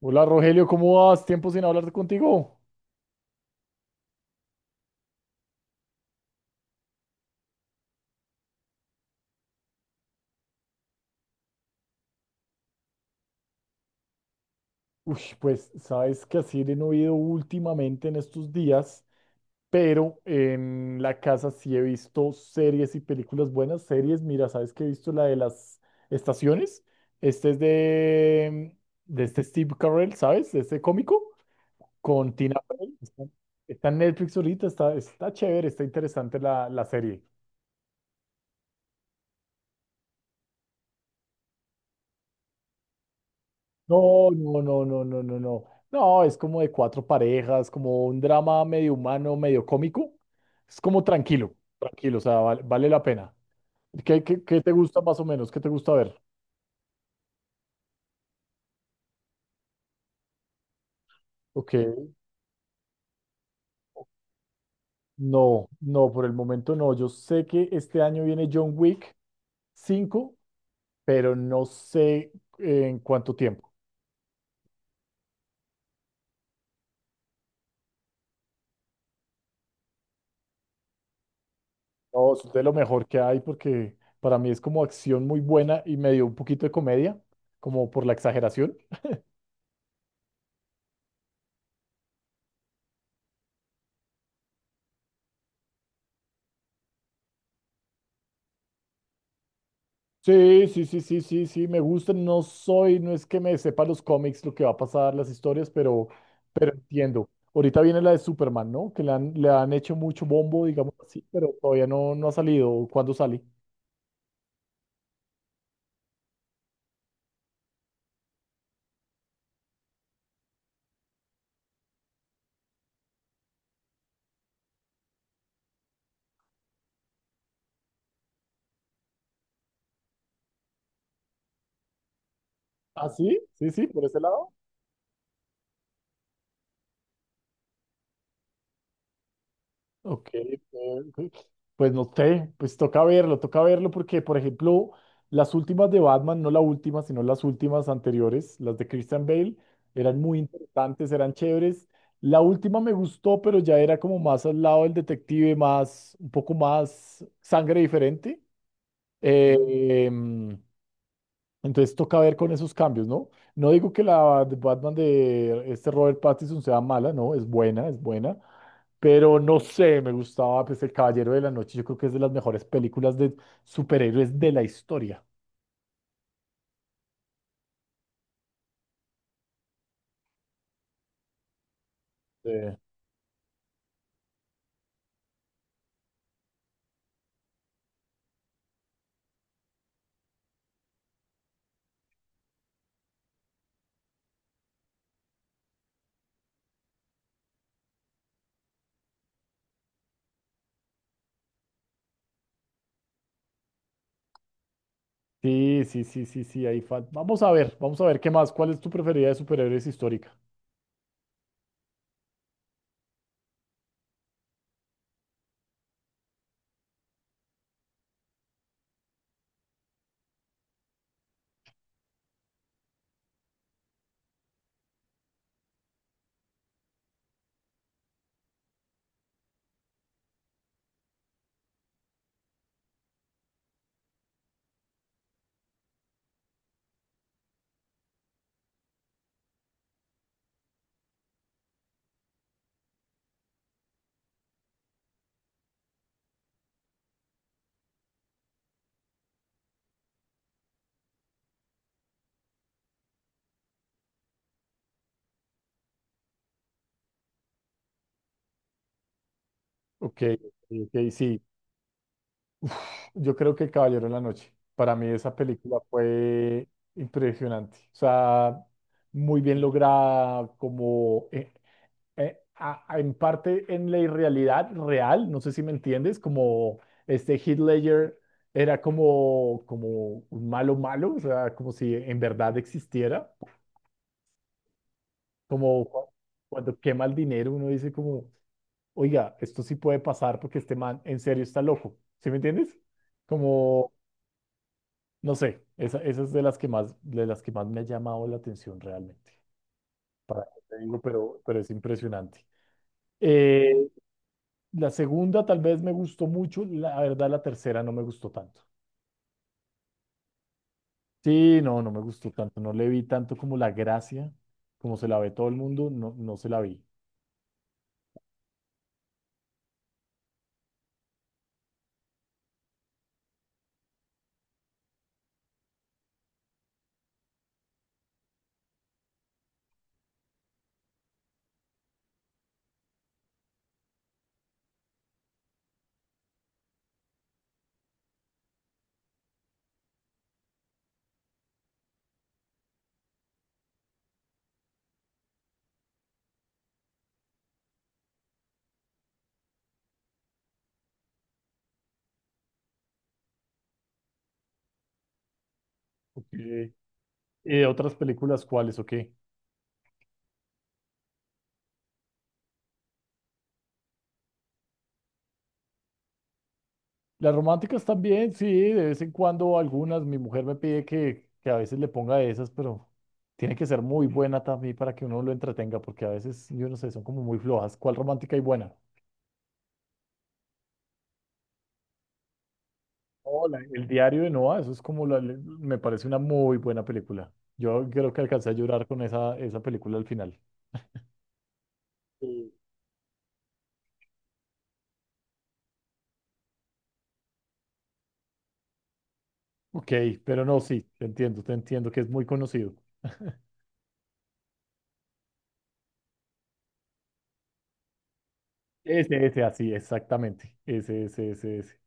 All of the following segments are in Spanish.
Hola Rogelio, ¿cómo vas? Tiempo sin hablar contigo. Uy, pues sabes que así no he ido últimamente en estos días, pero en la casa sí he visto series y películas buenas. Series, mira, sabes que he visto la de las estaciones. Es de este Steve Carell, ¿sabes? De este cómico con Tina Fey. Está en Netflix ahorita, está chévere, está interesante la serie. No, no, no, no, no, no, no. No, es como de cuatro parejas, como un drama medio humano, medio cómico. Es como tranquilo, tranquilo, o sea, vale, vale la pena. ¿Qué te gusta más o menos? ¿Qué te gusta ver? Ok, no, no, por el momento no. Yo sé que este año viene John Wick 5, pero no sé en cuánto tiempo. No, es de lo mejor que hay porque para mí es como acción muy buena y medio un poquito de comedia, como por la exageración. Sí, sí, sí, sí, sí, sí, me gusta. No soy, no es que me sepa los cómics, lo que va a pasar, las historias, pero entiendo. Ahorita viene la de Superman, ¿no? Que le han hecho mucho bombo, digamos así, pero todavía no ha salido. ¿Cuándo sale? Ah, sí, sí, sí, por ese lado. Ok, pues no sé, pues toca verlo porque, por ejemplo, las últimas de Batman, no la última, sino las últimas anteriores, las de Christian Bale, eran muy interesantes, eran chéveres. La última me gustó, pero ya era como más al lado del detective, más, un poco más sangre diferente. Eh, entonces toca ver con esos cambios, ¿no? No digo que la de Batman de este Robert Pattinson sea mala, no, es buena, pero no sé, me gustaba pues El Caballero de la Noche, yo creo que es de las mejores películas de superhéroes de la historia. Eh, Sí, sí, sí, sí, sí, ahí vamos a ver, vamos a ver qué más. ¿Cuál es tu preferida de superhéroes histórica? Ok, ok, sí, yo creo que El Caballero de la Noche, para mí esa película fue impresionante, o sea, muy bien lograda, como en parte en la irrealidad real, no sé si me entiendes, como este Heath Ledger era como, como un malo malo, o sea, como si en verdad existiera, como cuando quema el dinero uno dice como, oiga, esto sí puede pasar porque este man en serio está loco, ¿sí me entiendes? Como, no sé, esa es de las que más, de las que más me ha llamado la atención realmente, para qué te digo, pero es impresionante. Eh, La segunda tal vez me gustó mucho, la verdad la tercera no me gustó tanto. Sí, no, no me gustó tanto, no le vi tanto como la gracia, como se la ve todo el mundo, no, no se la vi. Ok. ¿Otras películas cuáles o qué? Las románticas también, sí, de vez en cuando algunas, mi mujer me pide que a veces le ponga esas, pero tiene que ser muy buena también para que uno lo entretenga, porque a veces, yo no sé, son como muy flojas. ¿Cuál romántica y buena? Hola, el diario de Noah, eso es como me parece una muy buena película. Yo creo que alcancé a llorar con esa película al final. Sí. Ok, pero no, sí, te entiendo que es muy conocido. Ese, así, exactamente. Ese, ese, ese, ese.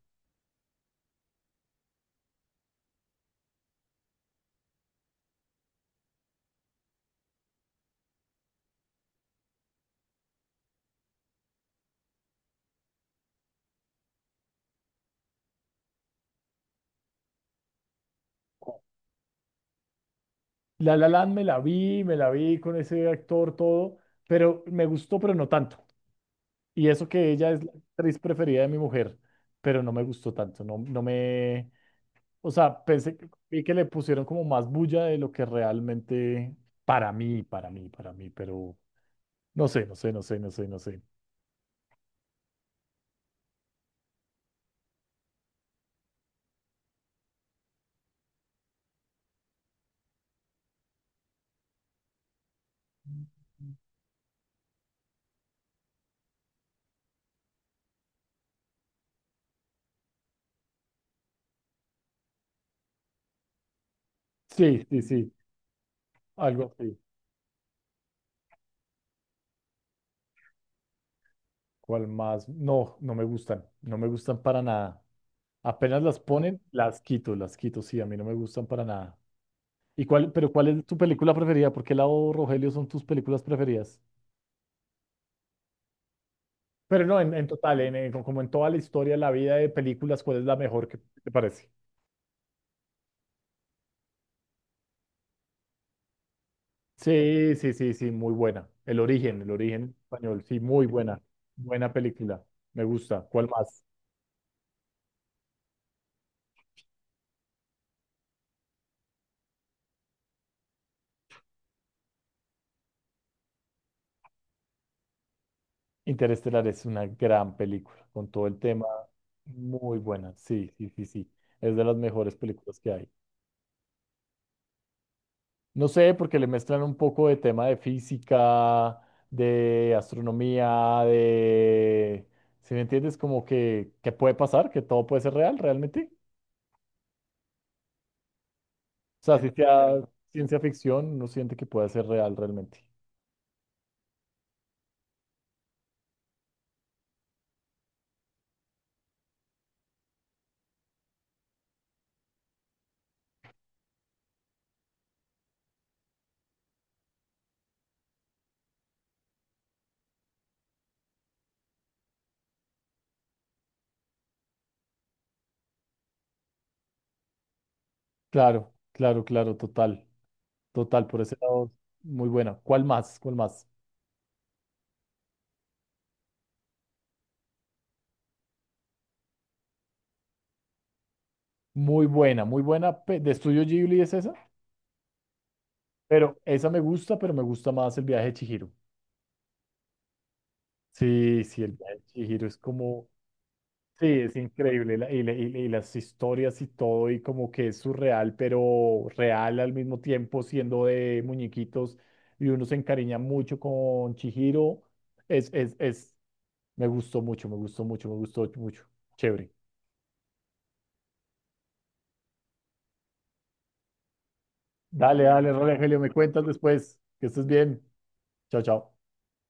La La Land me la vi con ese actor, todo, pero me gustó, pero no tanto. Y eso que ella es la actriz preferida de mi mujer, pero no me gustó tanto, no, o sea, pensé que, vi que le pusieron como más bulla de lo que realmente para mí, para mí, para mí, pero no sé, no sé, no sé, no sé, no sé. Sí, sí, sí, algo así. ¿Cuál más? No, no me gustan, no me gustan para nada. Apenas las ponen, las quito, sí, a mí no me gustan para nada. ¿Y cuál, pero cuál es tu película preferida? ¿Por qué lado, Rogelio, son tus películas preferidas? Pero no, en total, como en toda la historia, la vida de películas, ¿cuál es la mejor que te parece? Sí, sí, sí, sí, muy buena. El origen español, sí, muy buena. Buena película, me gusta. ¿Cuál más? Interestelar es una gran película, con todo el tema, muy buena. Sí, sí, sí, sí. Es de las mejores películas que hay. No sé, porque le mezclan un poco de tema de física, de astronomía, de... Si me entiendes, como que puede pasar, que todo puede ser real realmente. O sea, si sea ciencia ficción, uno siente que puede ser real realmente. Claro, claro, claro, total, total, por ese lado, muy buena. ¿Cuál más? ¿Cuál más? Muy buena, muy buena. De Estudio Ghibli es esa, pero esa me gusta, pero me gusta más el viaje de Chihiro. Sí, sí, el viaje de Chihiro es como, sí, es increíble, y las historias y todo, y como que es surreal, pero real al mismo tiempo, siendo de muñequitos, y uno se encariña mucho con Chihiro. Es, es, es, me gustó mucho, me gustó mucho, me gustó mucho. Chévere. Dale, dale, Rogelio, me cuentas después. Que estés bien. Chao, chao.